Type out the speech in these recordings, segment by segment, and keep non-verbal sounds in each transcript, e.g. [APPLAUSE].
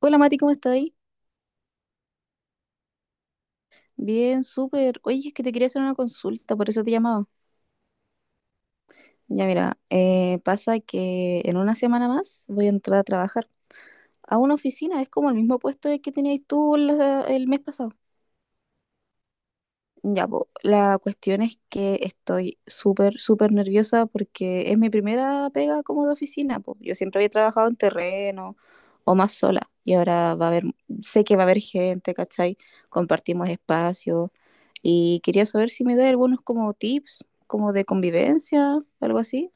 Hola Mati, ¿cómo estás ahí? Bien, súper. Oye, es que te quería hacer una consulta, por eso te llamaba. Ya mira, pasa que en una semana más voy a entrar a trabajar a una oficina, es como el mismo puesto en el que tenías tú el mes pasado. Ya, po, la cuestión es que estoy súper, súper nerviosa porque es mi primera pega como de oficina, po. Yo siempre había trabajado en terreno o más sola y ahora sé que va a haber gente, ¿cachai? Compartimos espacio y quería saber si me da algunos como tips, como de convivencia, algo así.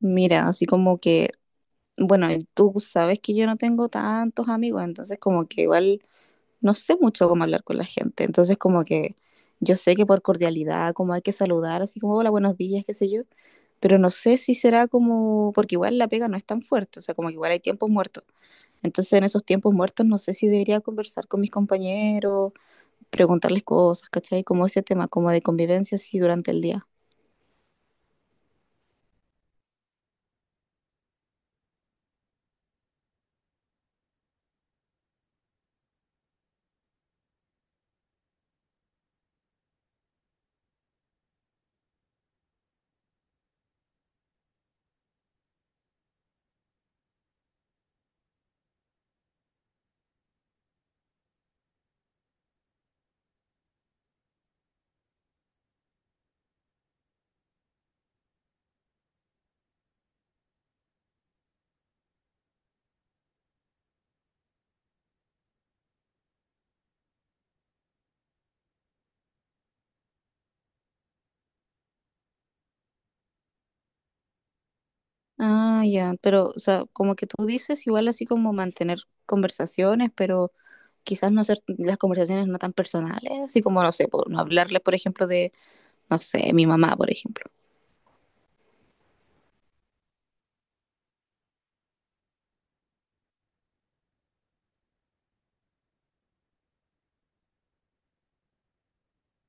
Mira, así como que, bueno, tú sabes que yo no tengo tantos amigos, entonces como que igual no sé mucho cómo hablar con la gente, entonces como que yo sé que por cordialidad, como hay que saludar, así como hola, buenos días, qué sé yo, pero no sé si será como, porque igual la pega no es tan fuerte, o sea, como que igual hay tiempos muertos. Entonces en esos tiempos muertos no sé si debería conversar con mis compañeros, preguntarles cosas, ¿cachai? Como ese tema, como de convivencia así durante el día. Ah, ya, pero, o sea, como que tú dices, igual así como mantener conversaciones, pero quizás no ser las conversaciones no tan personales, así como, no sé, por, no hablarles, por ejemplo, de no sé, mi mamá, por ejemplo.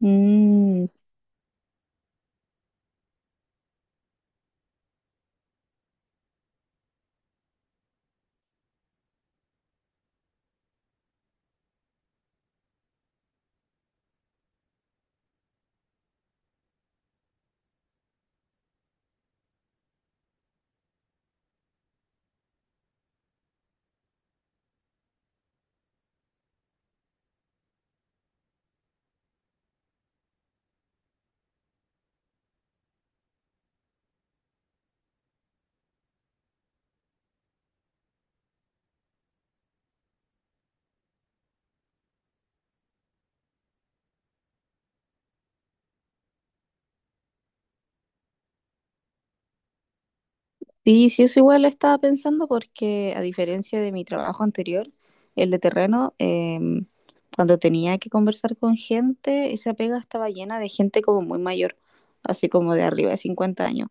Mm, sí, sí, eso igual lo estaba pensando porque a diferencia de mi trabajo anterior, el de terreno, cuando tenía que conversar con gente, esa pega estaba llena de gente como muy mayor, así como de arriba de 50 años.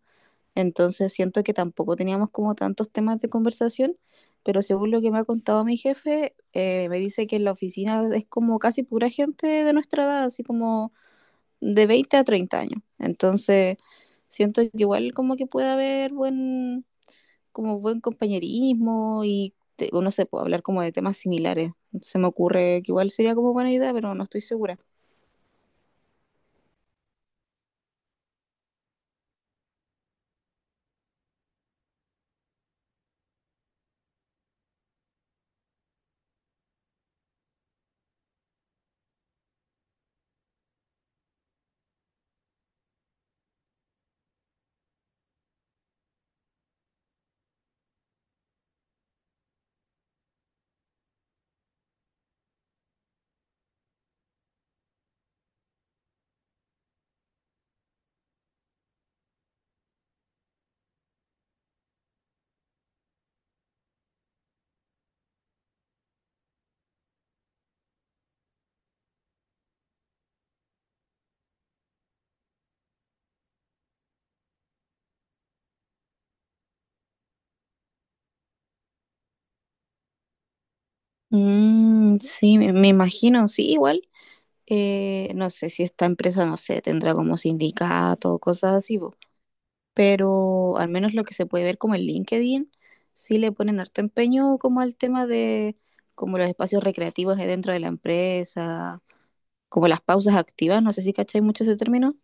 Entonces siento que tampoco teníamos como tantos temas de conversación, pero según lo que me ha contado mi jefe, me dice que en la oficina es como casi pura gente de nuestra edad, así como de 20 a 30 años. Entonces, siento que igual como que puede haber buen, como buen compañerismo y uno se puede hablar como de temas similares. Se me ocurre que igual sería como buena idea, pero no estoy segura. Mm, sí, me imagino, sí, igual. No sé si esta empresa, no sé, tendrá como sindicato, cosas así, po. Pero al menos lo que se puede ver como en LinkedIn, sí le ponen harto empeño como al tema de como los espacios recreativos de dentro de la empresa, como las pausas activas, no sé si cacháis mucho ese término.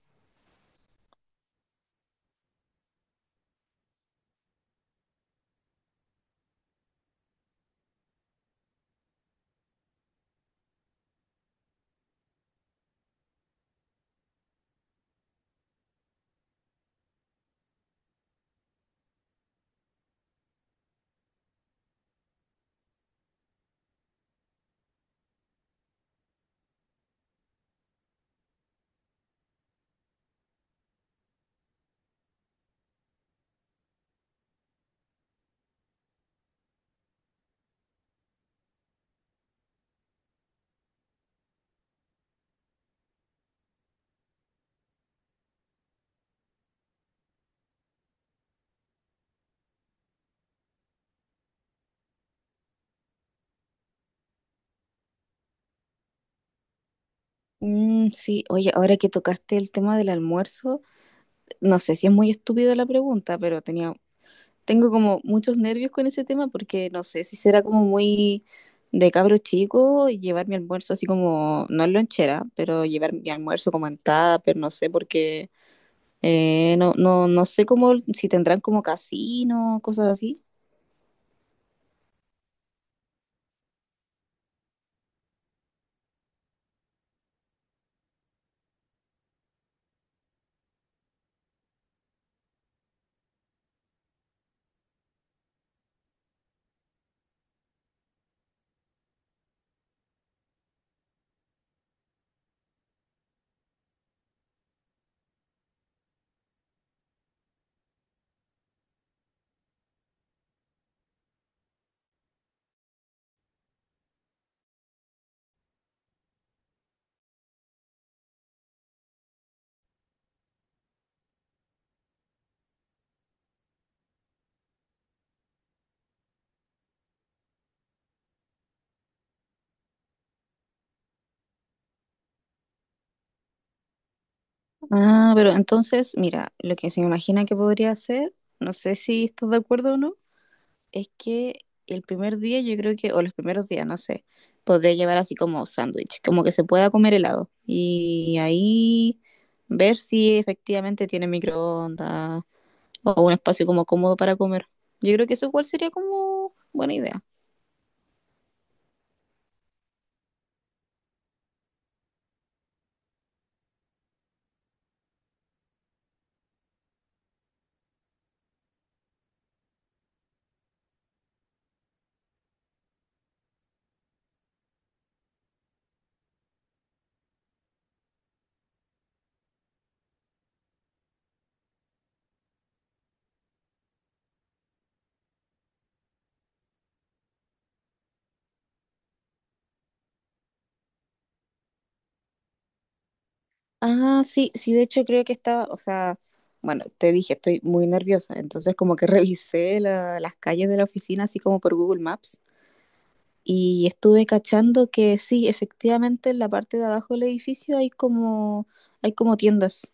Mm, sí, oye, ahora que tocaste el tema del almuerzo, no sé si es muy estúpido la pregunta, pero tengo como muchos nervios con ese tema porque no sé si será como muy de cabro chico y llevar mi almuerzo así como, no en lonchera, pero llevar mi almuerzo como en tupper, no sé, porque no, no, no sé cómo, si tendrán como casino, cosas así. Ah, pero entonces, mira, lo que se me imagina que podría hacer, no sé si estás de acuerdo o no, es que el primer día yo creo que, o los primeros días, no sé, podría llevar así como sándwich, como que se pueda comer helado. Y ahí ver si efectivamente tiene microondas o un espacio como cómodo para comer. Yo creo que eso igual sería como buena idea. Ah, sí, sí, de hecho creo que estaba, o sea, bueno, te dije, estoy muy nerviosa, entonces como que [LAUGHS] revisé las calles de la oficina así como por Google Maps. Y estuve cachando que sí, efectivamente en la parte de abajo del edificio hay como tiendas,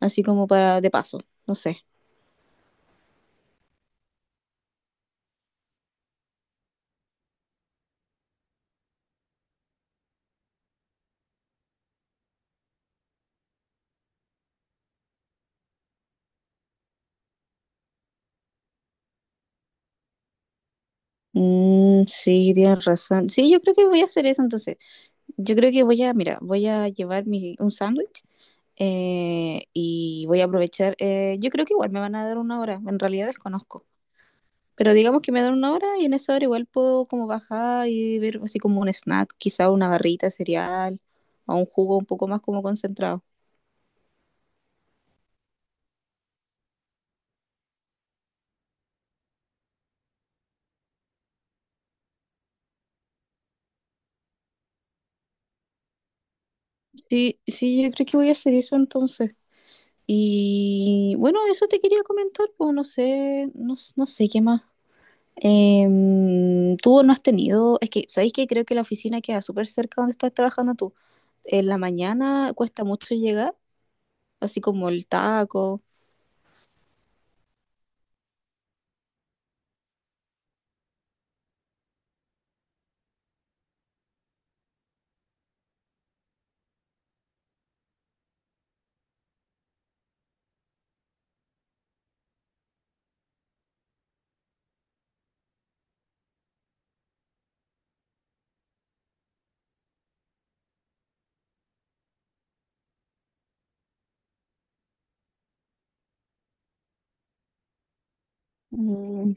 así como para de paso, no sé. Mm, sí, tienes razón. Sí, yo creo que voy a hacer eso entonces. Yo creo que voy a, mira, voy a llevar mi, un sándwich, y voy a aprovechar. Yo creo que igual me van a dar una hora, en realidad desconozco. Pero digamos que me dan una hora y en esa hora igual puedo como bajar y ver así como un snack, quizá una barrita de cereal o un jugo un poco más como concentrado. Sí, sí, yo creo que voy a hacer eso entonces. Y bueno, eso te quería comentar, pues no sé, no, no sé qué más. Tú no has tenido, es que, ¿sabéis que Creo que la oficina queda súper cerca donde estás trabajando tú. En la mañana cuesta mucho llegar, así como el taco. Mm.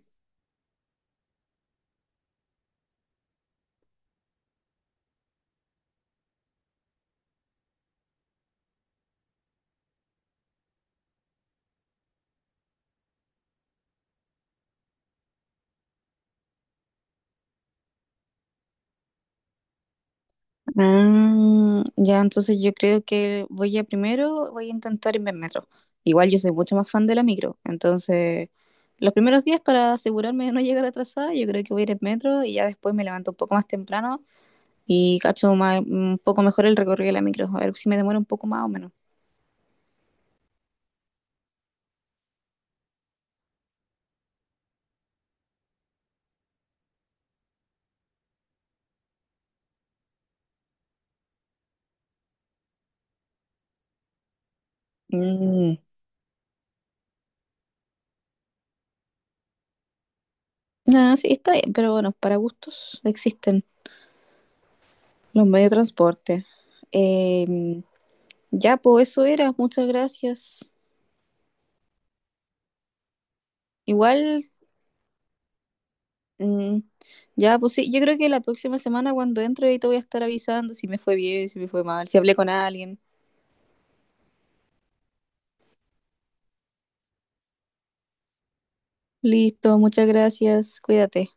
Ah, ya, entonces yo creo que voy a primero, voy a intentar irme en metro. Igual yo soy mucho más fan de la micro, entonces los primeros días para asegurarme de no llegar atrasada, yo creo que voy a ir en metro y ya después me levanto un poco más temprano y cacho un poco mejor el recorrido de la micro, a ver si me demora un poco más o menos. Mm. Ah, sí, está bien, pero bueno, para gustos existen los medios de transporte. Em, ya, pues eso era, muchas gracias. Igual. Mm, ya, pues sí, yo creo que la próxima semana cuando entre ahí te voy a estar avisando si me fue bien, si me fue mal, si hablé con alguien. Listo, muchas gracias, cuídate.